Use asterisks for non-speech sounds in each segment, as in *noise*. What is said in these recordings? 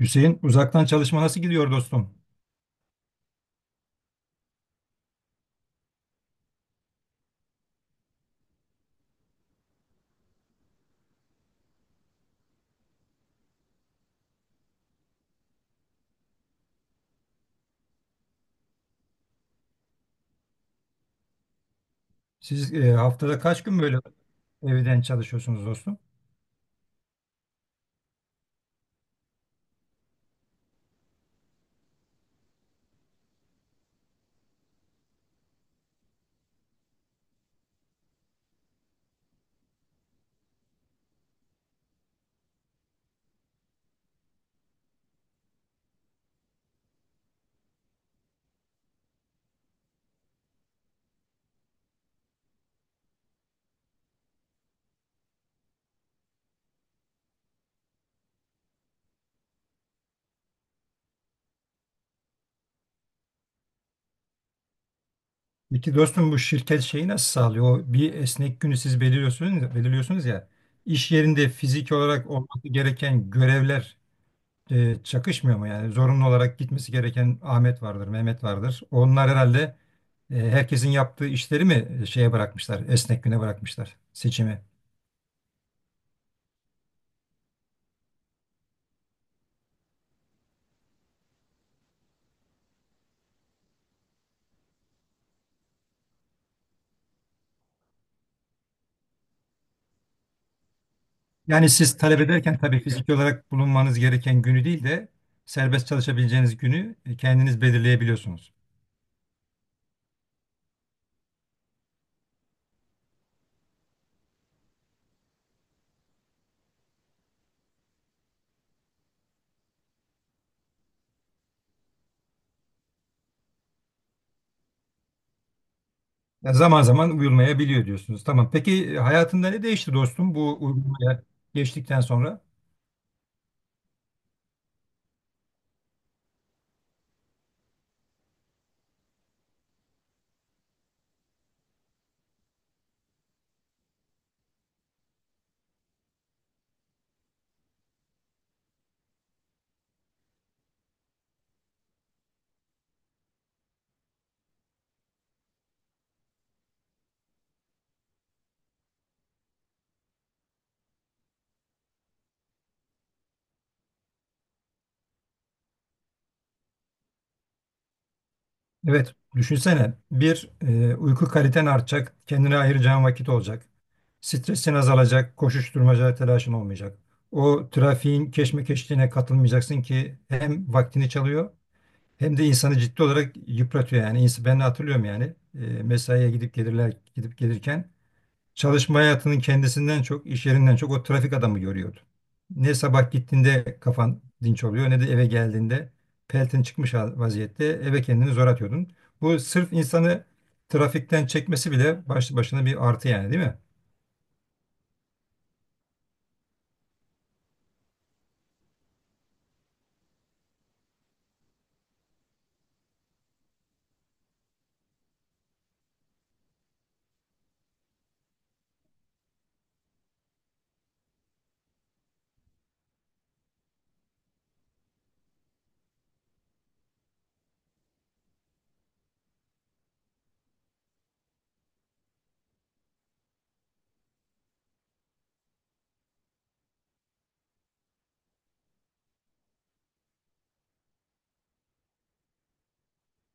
Hüseyin, uzaktan çalışma nasıl gidiyor dostum? Siz haftada kaç gün böyle evden çalışıyorsunuz dostum? Peki dostum bu şirket şeyi nasıl sağlıyor? O bir esnek günü siz belirliyorsunuz ya. İş yerinde fiziki olarak olması gereken görevler çakışmıyor mu? Yani zorunlu olarak gitmesi gereken Ahmet vardır, Mehmet vardır. Onlar herhalde herkesin yaptığı işleri mi şeye bırakmışlar, esnek güne bırakmışlar seçimi? Yani siz talep ederken tabii fiziki olarak bulunmanız gereken günü değil de serbest çalışabileceğiniz günü kendiniz belirleyebiliyorsunuz. Ya zaman zaman uyulmayabiliyor diyorsunuz. Tamam. Peki hayatında ne değişti dostum bu uygulamaya geçtikten sonra? Evet, düşünsene bir uyku kaliten artacak, kendine ayıracağın vakit olacak. Stresin azalacak, koşuşturmaca telaşın olmayacak. O trafiğin keşmekeşliğine katılmayacaksın ki hem vaktini çalıyor, hem de insanı ciddi olarak yıpratıyor yani. Ben hatırlıyorum yani. Mesaiye gidip gelirken çalışma hayatının kendisinden çok, iş yerinden çok o trafik adamı görüyordu. Ne sabah gittiğinde kafan dinç oluyor ne de eve geldiğinde peltin çıkmış vaziyette eve kendini zor atıyordun. Bu sırf insanı trafikten çekmesi bile başlı başına bir artı yani, değil mi?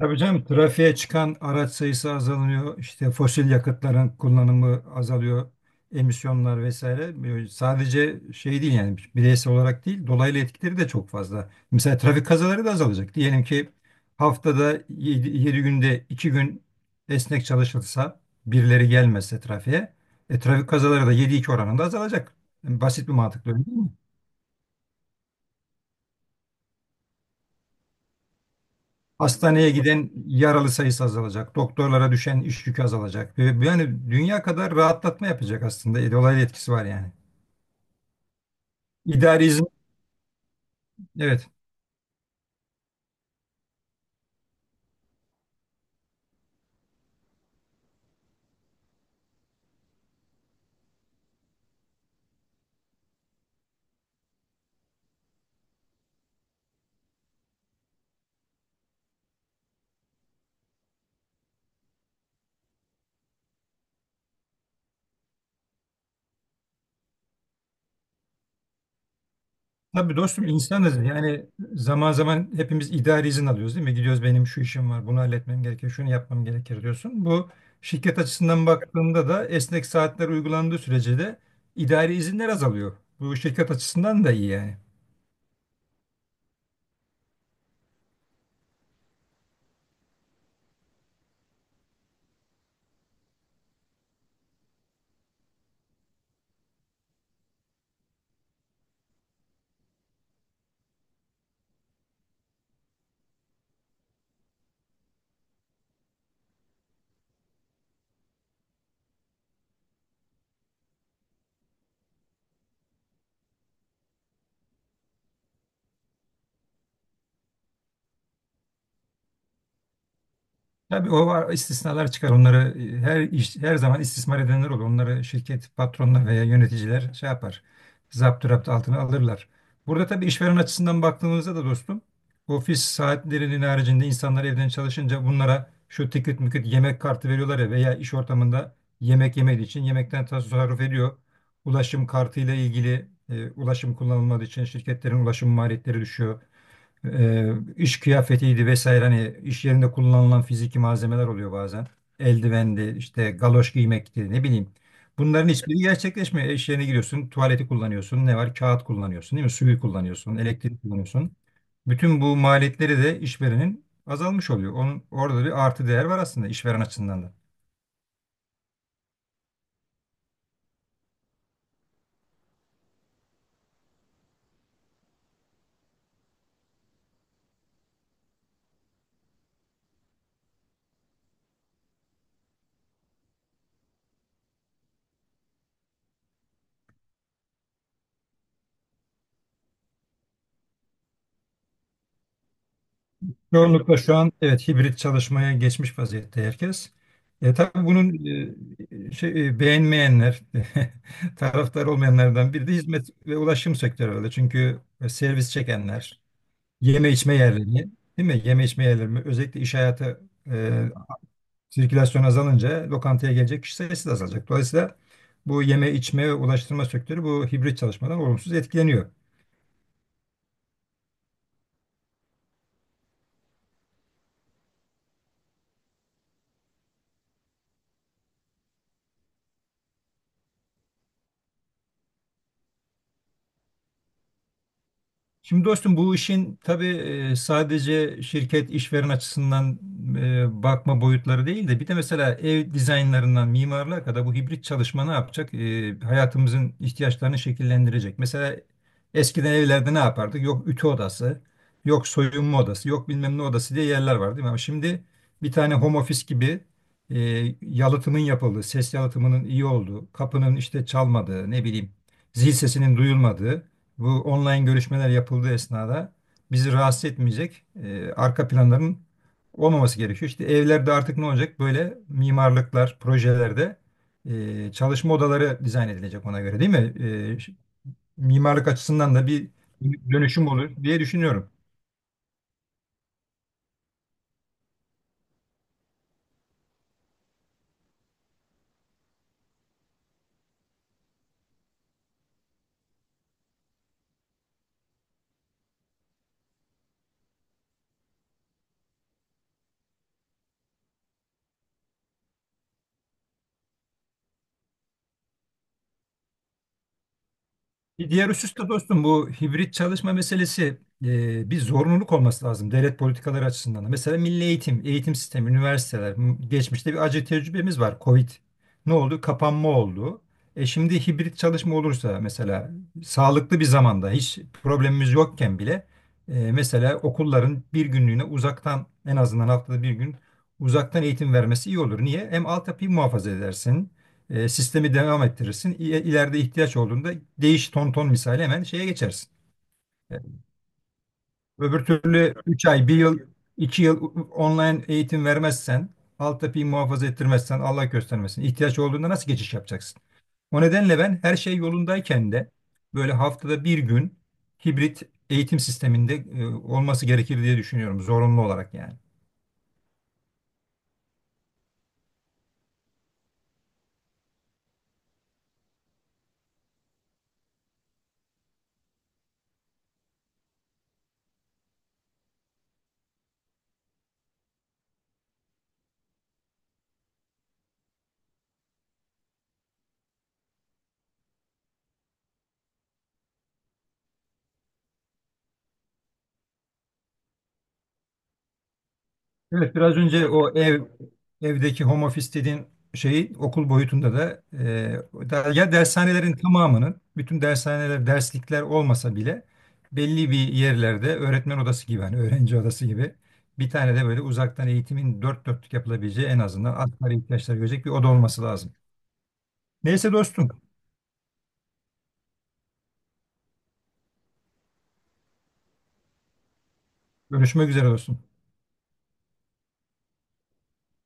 Tabii canım, trafiğe çıkan araç sayısı azalıyor. İşte fosil yakıtların kullanımı azalıyor. Emisyonlar vesaire. Böyle sadece şey değil yani, bireysel olarak değil, dolaylı etkileri de çok fazla. Mesela trafik kazaları da azalacak. Diyelim ki haftada 7 günde 2 gün esnek çalışılsa, birileri gelmezse trafiğe, trafik kazaları da 7-2 oranında azalacak. Yani basit bir mantıkla öyle, değil mi? Hastaneye giden yaralı sayısı azalacak. Doktorlara düşen iş yükü azalacak. Ve yani dünya kadar rahatlatma yapacak aslında. Dolaylı etkisi var yani. İdari izin, evet. Tabii dostum, insanız. Yani zaman zaman hepimiz idari izin alıyoruz, değil mi? Gidiyoruz, benim şu işim var, bunu halletmem gerekir, şunu yapmam gerekir diyorsun. Bu şirket açısından baktığında da esnek saatler uygulandığı sürece de idari izinler azalıyor. Bu şirket açısından da iyi yani. Tabii o var, istisnalar çıkar. Onları her iş, her zaman istismar edenler olur. Onları şirket patronlar veya yöneticiler şey yapar. Zaptı raptı altına alırlar. Burada tabii işveren açısından baktığımızda da dostum, ofis saatlerinin haricinde insanlar evden çalışınca bunlara şu tikit müküt yemek kartı veriyorlar ya, veya iş ortamında yemek yemediği için yemekten tasarruf ediyor. Ulaşım kartıyla ilgili ulaşım kullanılmadığı için şirketlerin ulaşım maliyetleri düşüyor. E, iş kıyafetiydi vesaire, hani iş yerinde kullanılan fiziki malzemeler oluyor bazen. Eldivendi, işte galoş giymekti, ne bileyim. Bunların hiçbiri gerçekleşmiyor. İş yerine giriyorsun, tuvaleti kullanıyorsun, ne var? Kağıt kullanıyorsun, değil mi? Suyu kullanıyorsun, elektrik kullanıyorsun. Bütün bu maliyetleri de işverenin azalmış oluyor. Onun orada bir artı değer var aslında işveren açısından da. Çoğunlukla şu an evet hibrit çalışmaya geçmiş vaziyette herkes. Tabii bunun şey, beğenmeyenler, *laughs* taraftar olmayanlardan biri de hizmet ve ulaşım sektörü öyle. Çünkü servis çekenler, yeme içme yerleri, değil mi? Yeme içme yerleri, özellikle iş hayatı e, sirkülasyon azalınca lokantaya gelecek kişi sayısı da azalacak. Dolayısıyla bu yeme içme ve ulaştırma sektörü bu hibrit çalışmadan olumsuz etkileniyor. Şimdi dostum, bu işin tabii sadece şirket işveren açısından bakma boyutları değil de, bir de mesela ev dizaynlarından mimarlığa kadar bu hibrit çalışma ne yapacak? Hayatımızın ihtiyaçlarını şekillendirecek. Mesela eskiden evlerde ne yapardık? Yok ütü odası, yok soyunma odası, yok bilmem ne odası diye yerler var, değil mi? Ama şimdi bir tane home office gibi, e, yalıtımın yapıldığı, ses yalıtımının iyi olduğu, kapının işte çalmadığı, ne bileyim zil sesinin duyulmadığı, bu online görüşmeler yapıldığı esnada bizi rahatsız etmeyecek arka planların olmaması gerekiyor. İşte evlerde artık ne olacak? Böyle mimarlıklar, projelerde çalışma odaları dizayn edilecek ona göre, değil mi? E, ş- mimarlık açısından da bir dönüşüm olur diye düşünüyorum. Bir diğer husus da dostum, bu hibrit çalışma meselesi bir zorunluluk olması lazım devlet politikaları açısından da. Mesela milli eğitim, eğitim sistemi, üniversiteler. Geçmişte bir acı tecrübemiz var. Covid ne oldu? Kapanma oldu. Şimdi hibrit çalışma olursa, mesela sağlıklı bir zamanda hiç problemimiz yokken bile, mesela okulların bir günlüğüne uzaktan, en azından haftada bir gün uzaktan eğitim vermesi iyi olur. Niye? Hem altyapıyı muhafaza edersin. Sistemi devam ettirirsin. İleride ihtiyaç olduğunda değiş ton ton misali hemen şeye geçersin. E, Öbür türlü 3 ay, 1 yıl, 2 yıl online eğitim vermezsen, alt yapıyı muhafaza ettirmezsen Allah göstermesin, ihtiyaç olduğunda nasıl geçiş yapacaksın? O nedenle ben her şey yolundayken de böyle haftada bir gün hibrit eğitim sisteminde olması gerekir diye düşünüyorum, zorunlu olarak yani. Evet, biraz önce o evdeki home office dediğin şeyi okul boyutunda da, ya dershanelerin tamamının, bütün dershaneler derslikler olmasa bile belli bir yerlerde öğretmen odası gibi, hani öğrenci odası gibi, bir tane de böyle uzaktan eğitimin dört dörtlük yapılabileceği, en azından asgari ihtiyaçları görecek bir oda olması lazım. Neyse dostum. Görüşmek üzere dostum.